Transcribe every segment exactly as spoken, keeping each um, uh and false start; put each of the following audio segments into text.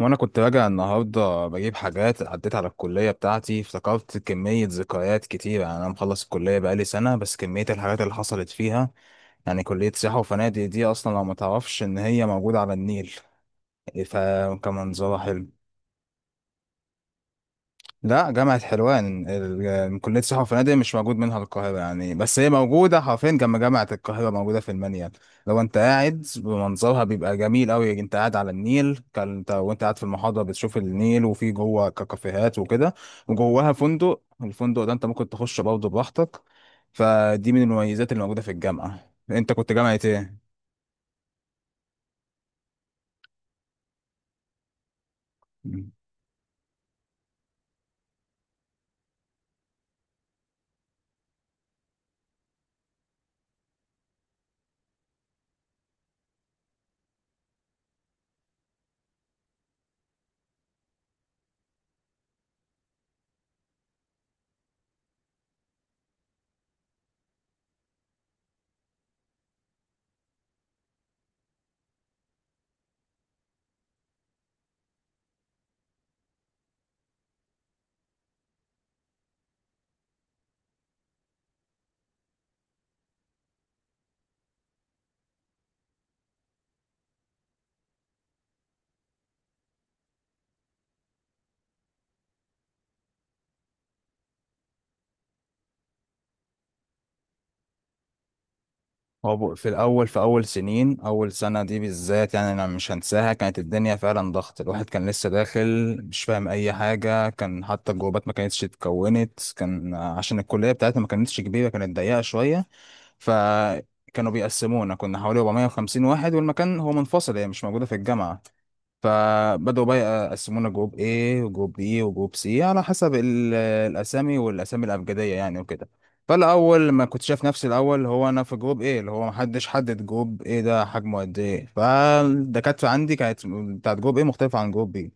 وانا كنت راجع النهارده بجيب حاجات، عديت على الكليه بتاعتي افتكرت كميه ذكريات كتيره. يعني انا مخلص الكليه بقالي سنه، بس كميه الحاجات اللي حصلت فيها. يعني كليه سياحه وفنادق دي اصلا لو ما تعرفش ان هي موجوده على النيل، فكان منظرها حلو. لا، جامعة حلوان. ال- كلية سياحة وفنادق مش موجود منها القاهرة، يعني بس هي موجودة حرفيا جنب جامعة القاهرة، موجودة في المنيل. لو انت قاعد بمنظرها بيبقى جميل قوي، انت قاعد على النيل، كان انت وانت قاعد في المحاضرة بتشوف النيل، وفي جوه كافيهات وكده. وجواها فندق، الفندق ده انت ممكن تخش برضه براحتك. فدي من المميزات اللي موجودة في الجامعة. انت كنت جامعة ايه؟ هو بو- في الأول، في أول سنين، أول سنة دي بالذات يعني أنا مش هنساها. كانت الدنيا فعلا ضغط، الواحد كان لسه داخل مش فاهم أي حاجة. كان حتى الجروبات ما كانتش اتكونت، كان عشان الكلية بتاعتنا ما كانتش كبيرة، كانت ضيقة شوية. فكانوا بيقسمونا، كنا حوالي أربعمية وخمسين واحد، والمكان هو منفصل، هي مش موجودة في الجامعة. فبدأوا بقى يقسمونا جروب A وجروب B وجروب C، على حسب ال- الأسامي، والأسامي الأبجدية يعني وكده. فالأول ما كنت شايف نفسي، الأول هو أنا في جروب A، اللي هو محدش حدد جروب A ده حجمه قد إيه. فالدكاترة عندي كانت بتاعت جروب A مختلفة عن جروب B.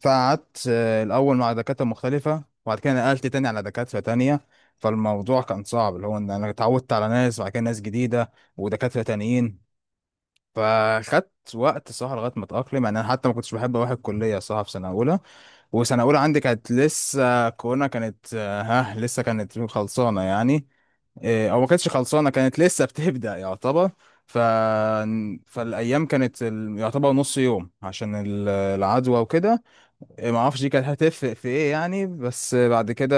فقعدت آه، الأول مع دكاترة مختلفة، وبعد كده نقلت تاني على دكاترة تانية. فالموضوع كان صعب، اللي هو إن أنا اتعودت على ناس وبعد كده ناس جديدة ودكاترة تانيين. فخدت وقت صراحة لغاية ما اتأقلم، يعني أنا حتى ما كنتش بحب أروح الكلية صراحة في سنة أولى. وسنة أولى عندي كانت لسه كورونا، كانت آه، ها لسه كانت خلصانة، يعني إيه، أو ما كانتش خلصانة، كانت لسه بتبدأ يعتبر. ف... فالأيام كانت ال- يعتبر نص يوم عشان ال- العدوى وكده. إيه، ما اعرفش دي كانت هتفرق في ايه يعني بس بعد كده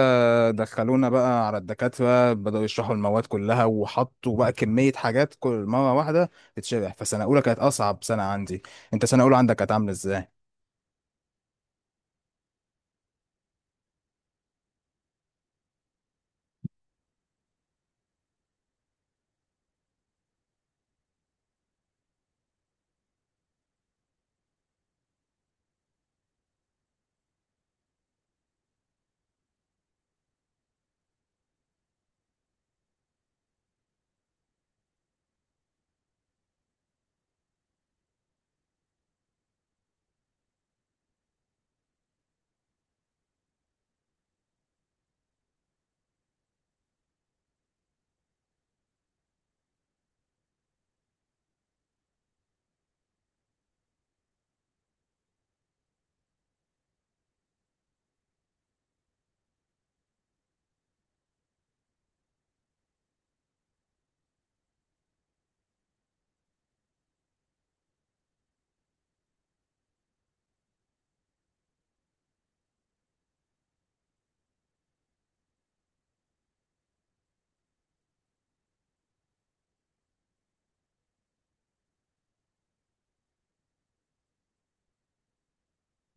دخلونا بقى على الدكاترة، بدأوا يشرحوا المواد كلها، وحطوا بقى كمية حاجات كل مرة واحدة تتشرح. فسنة أولى كانت أصعب سنة عندي. أنت سنة أولى عندك كانت عاملة إزاي؟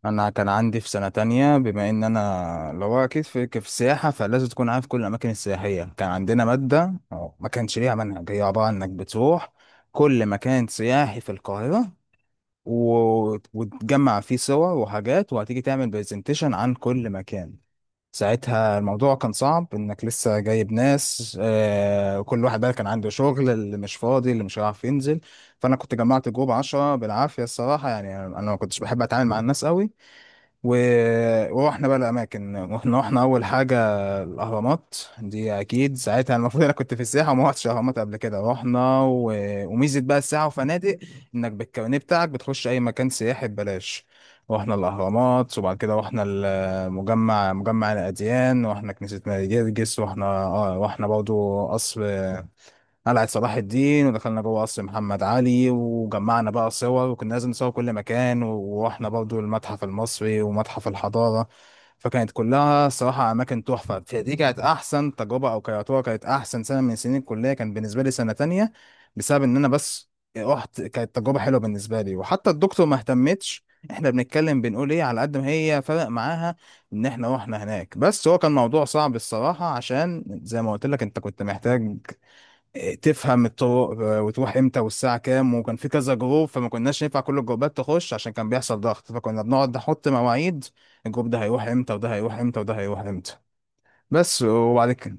أنا كان عندي في سنة تانية، بما إن أنا اللي هو أكيد في في السياحة فلازم تكون عارف كل الأماكن السياحية، كان عندنا مادة أو ما كانش ليها منهج، هي عبارة عن إنك بتروح كل مكان سياحي في القاهرة و... وتجمع فيه صور وحاجات، وهتيجي تعمل برزنتيشن عن كل مكان. ساعتها الموضوع كان صعب، انك لسه جايب ناس، آه، كل واحد بقى كان عنده شغل، اللي مش فاضي، اللي مش هيعرف ينزل. فانا كنت جمعت جروب عشرة بالعافية الصراحة، يعني انا ما كنتش بحب اتعامل مع الناس قوي. و- ورحنا بقى الأماكن، رحنا رحنا أول حاجة الأهرامات، دي أكيد ساعتها المفروض أنا كنت في السياحة وما رحتش الأهرامات قبل كده. رحنا و... وميزة بقى السياحة وفنادق، إنك بالكارنيه بتاعك بتخش أي مكان سياحي ببلاش. رحنا الأهرامات، وبعد كده رحنا المجمع، مجمع الأديان، رحنا كنيسة ماري جرجس، رحنا آه رحنا برضو قصر، قلعة صلاح الدين، ودخلنا جوه قصر محمد علي، وجمعنا بقى صور، وكنا لازم نصور كل مكان. ورحنا برضو المتحف المصري ومتحف الحضارة. فكانت كلها صراحة أماكن تحفة. فدي كانت أحسن تجربة، أو كرياتورة، كانت أحسن سنة من سنين الكلية، كان بالنسبة لي سنة تانية، بسبب إن أنا بس رحت. كانت تجربة حلوة بالنسبة لي، وحتى الدكتور ما اهتمتش إحنا بنتكلم بنقول إيه، على قد ما هي فرق معاها إن إحنا رحنا هناك. بس هو كان موضوع صعب الصراحة، عشان زي ما قلت لك أنت كنت محتاج تفهم الطرق، وتروح امتى، والساعه كام، وكان في كذا جروب، فما كناش ينفع كل الجروبات تخش عشان كان بيحصل ضغط. فكنا بنقعد نحط مواعيد، الجروب ده هيروح امتى، وده هيروح امتى، وده هيروح امتى. بس وبعد كده،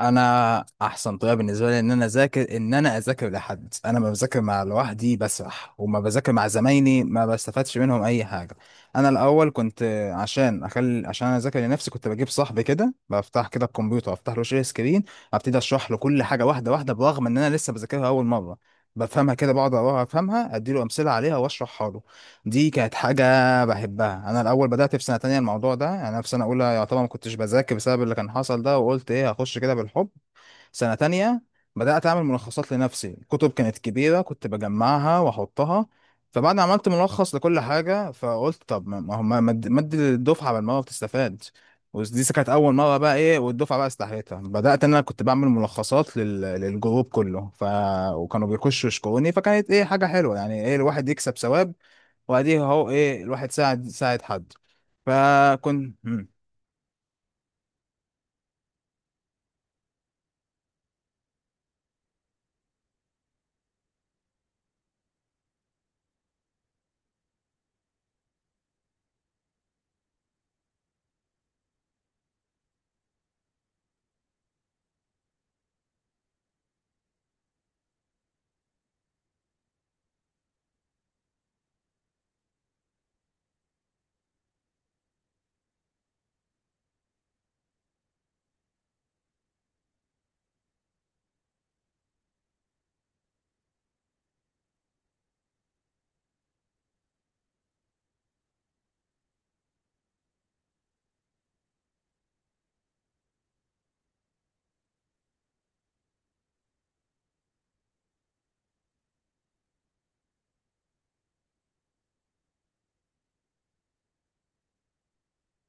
انا احسن طريقه بالنسبه لي ان انا اذاكر، ان انا اذاكر لحد. انا ما بذاكر مع لوحدي بسرح، وما بذاكر مع زمايلي، ما بستفادش منهم اي حاجه. انا الاول كنت، عشان اخلي، عشان انا اذاكر لنفسي، كنت بجيب صاحبي كده، بفتح كده الكمبيوتر، افتح له شير سكرين، ابتدي اشرح له كل حاجه واحده واحده، برغم ان انا لسه بذاكرها اول مره، بفهمها كده، بقعد اقراها، افهمها، اديله امثله عليها، واشرحها له. دي كانت حاجة بحبها. أنا الأول بدأت في سنة تانية الموضوع ده، يعني أنا في سنة أولى يعتبر ما كنتش بذاكر بسبب اللي كان حصل ده، وقلت إيه هخش كده بالحب. سنة تانية بدأت أعمل ملخصات لنفسي، الكتب كانت كبيرة، كنت بجمعها وأحطها. فبعد ما عملت ملخص لكل حاجة، فقلت طب، ما ما هو ما ما ادي ما ادي للدفعة بالمرة، بتستفاد. ودي كانت أول مرة بقى، إيه، والدفعة بقى استحيتها، بدأت إن أنا كنت بعمل ملخصات لل... للجروب كله. ف... وكانوا بيخشوا يشكروني، فكانت إيه، حاجة حلوة، يعني إيه، الواحد يكسب ثواب، واديه اهو، ايه، الواحد ساعد، ساعد حد. فكنت مم.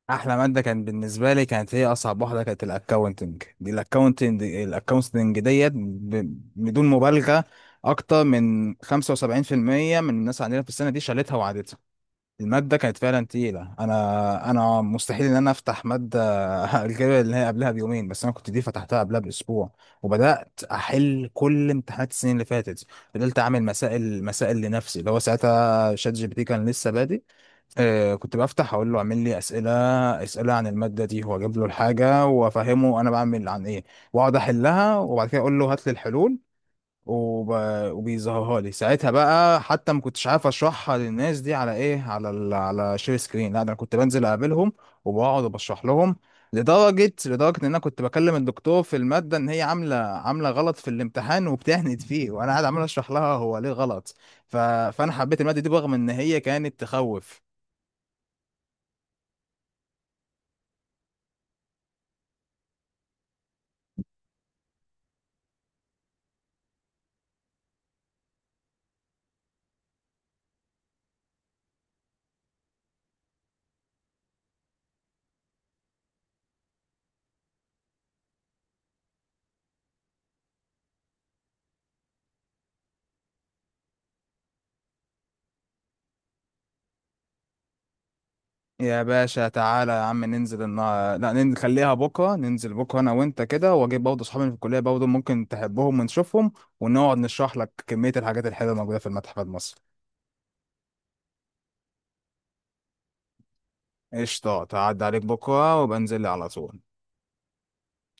احلى ماده كان بالنسبه لي، كانت هي اصعب واحده، كانت الاكاونتنج، دي الاكاونتنج، الاكاونتنج ديت، ب- بدون مبالغه اكتر من خمسة وسبعين في المية من الناس عندنا في السنه دي شالتها وعادتها. المادة كانت فعلا تقيلة. أنا أنا مستحيل إن أنا أفتح مادة الجاية اللي هي قبلها بيومين، بس أنا كنت دي فتحتها قبلها بأسبوع، وبدأت أحل كل امتحانات السنين اللي فاتت. فضلت أعمل مسائل مسائل لنفسي، اللي هو ساعتها شات جي بي تي كان لسه بادئ. آه، كنت بفتح أقول له أعمل لي أسئلة، أسئلة عن المادة دي، وأجيب له الحاجة، وأفهمه أنا بعمل عن إيه، وأقعد أحلها، وبعد كده أقول له هات لي الحلول، وب... وبيظهرها لي ساعتها بقى. حتى ما كنتش عارف اشرحها للناس دي على ايه، على ال... على شير سكرين، لا ده انا كنت بنزل اقابلهم وبقعد وبشرح لهم. لدرجة لدرجة ان انا كنت بكلم الدكتور في المادة ان هي عاملة عاملة غلط في الامتحان، وبتهند فيه، وانا قاعد عمال اشرح لها هو ليه غلط. ف... فانا حبيت المادة دي رغم ان هي كانت تخوف. يا باشا تعالى يا عم ننزل النا... لا نخليها بكره، ننزل بكره انا وانت كده، واجيب برضه اصحابي اللي في الكليه، برضه ممكن تحبهم ونشوفهم، ونقعد نشرح لك كميه الحاجات الحلوه الموجوده في المتحف المصري. قشطه تعدي عليك بكره، وبنزل لي على طول.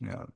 يلا.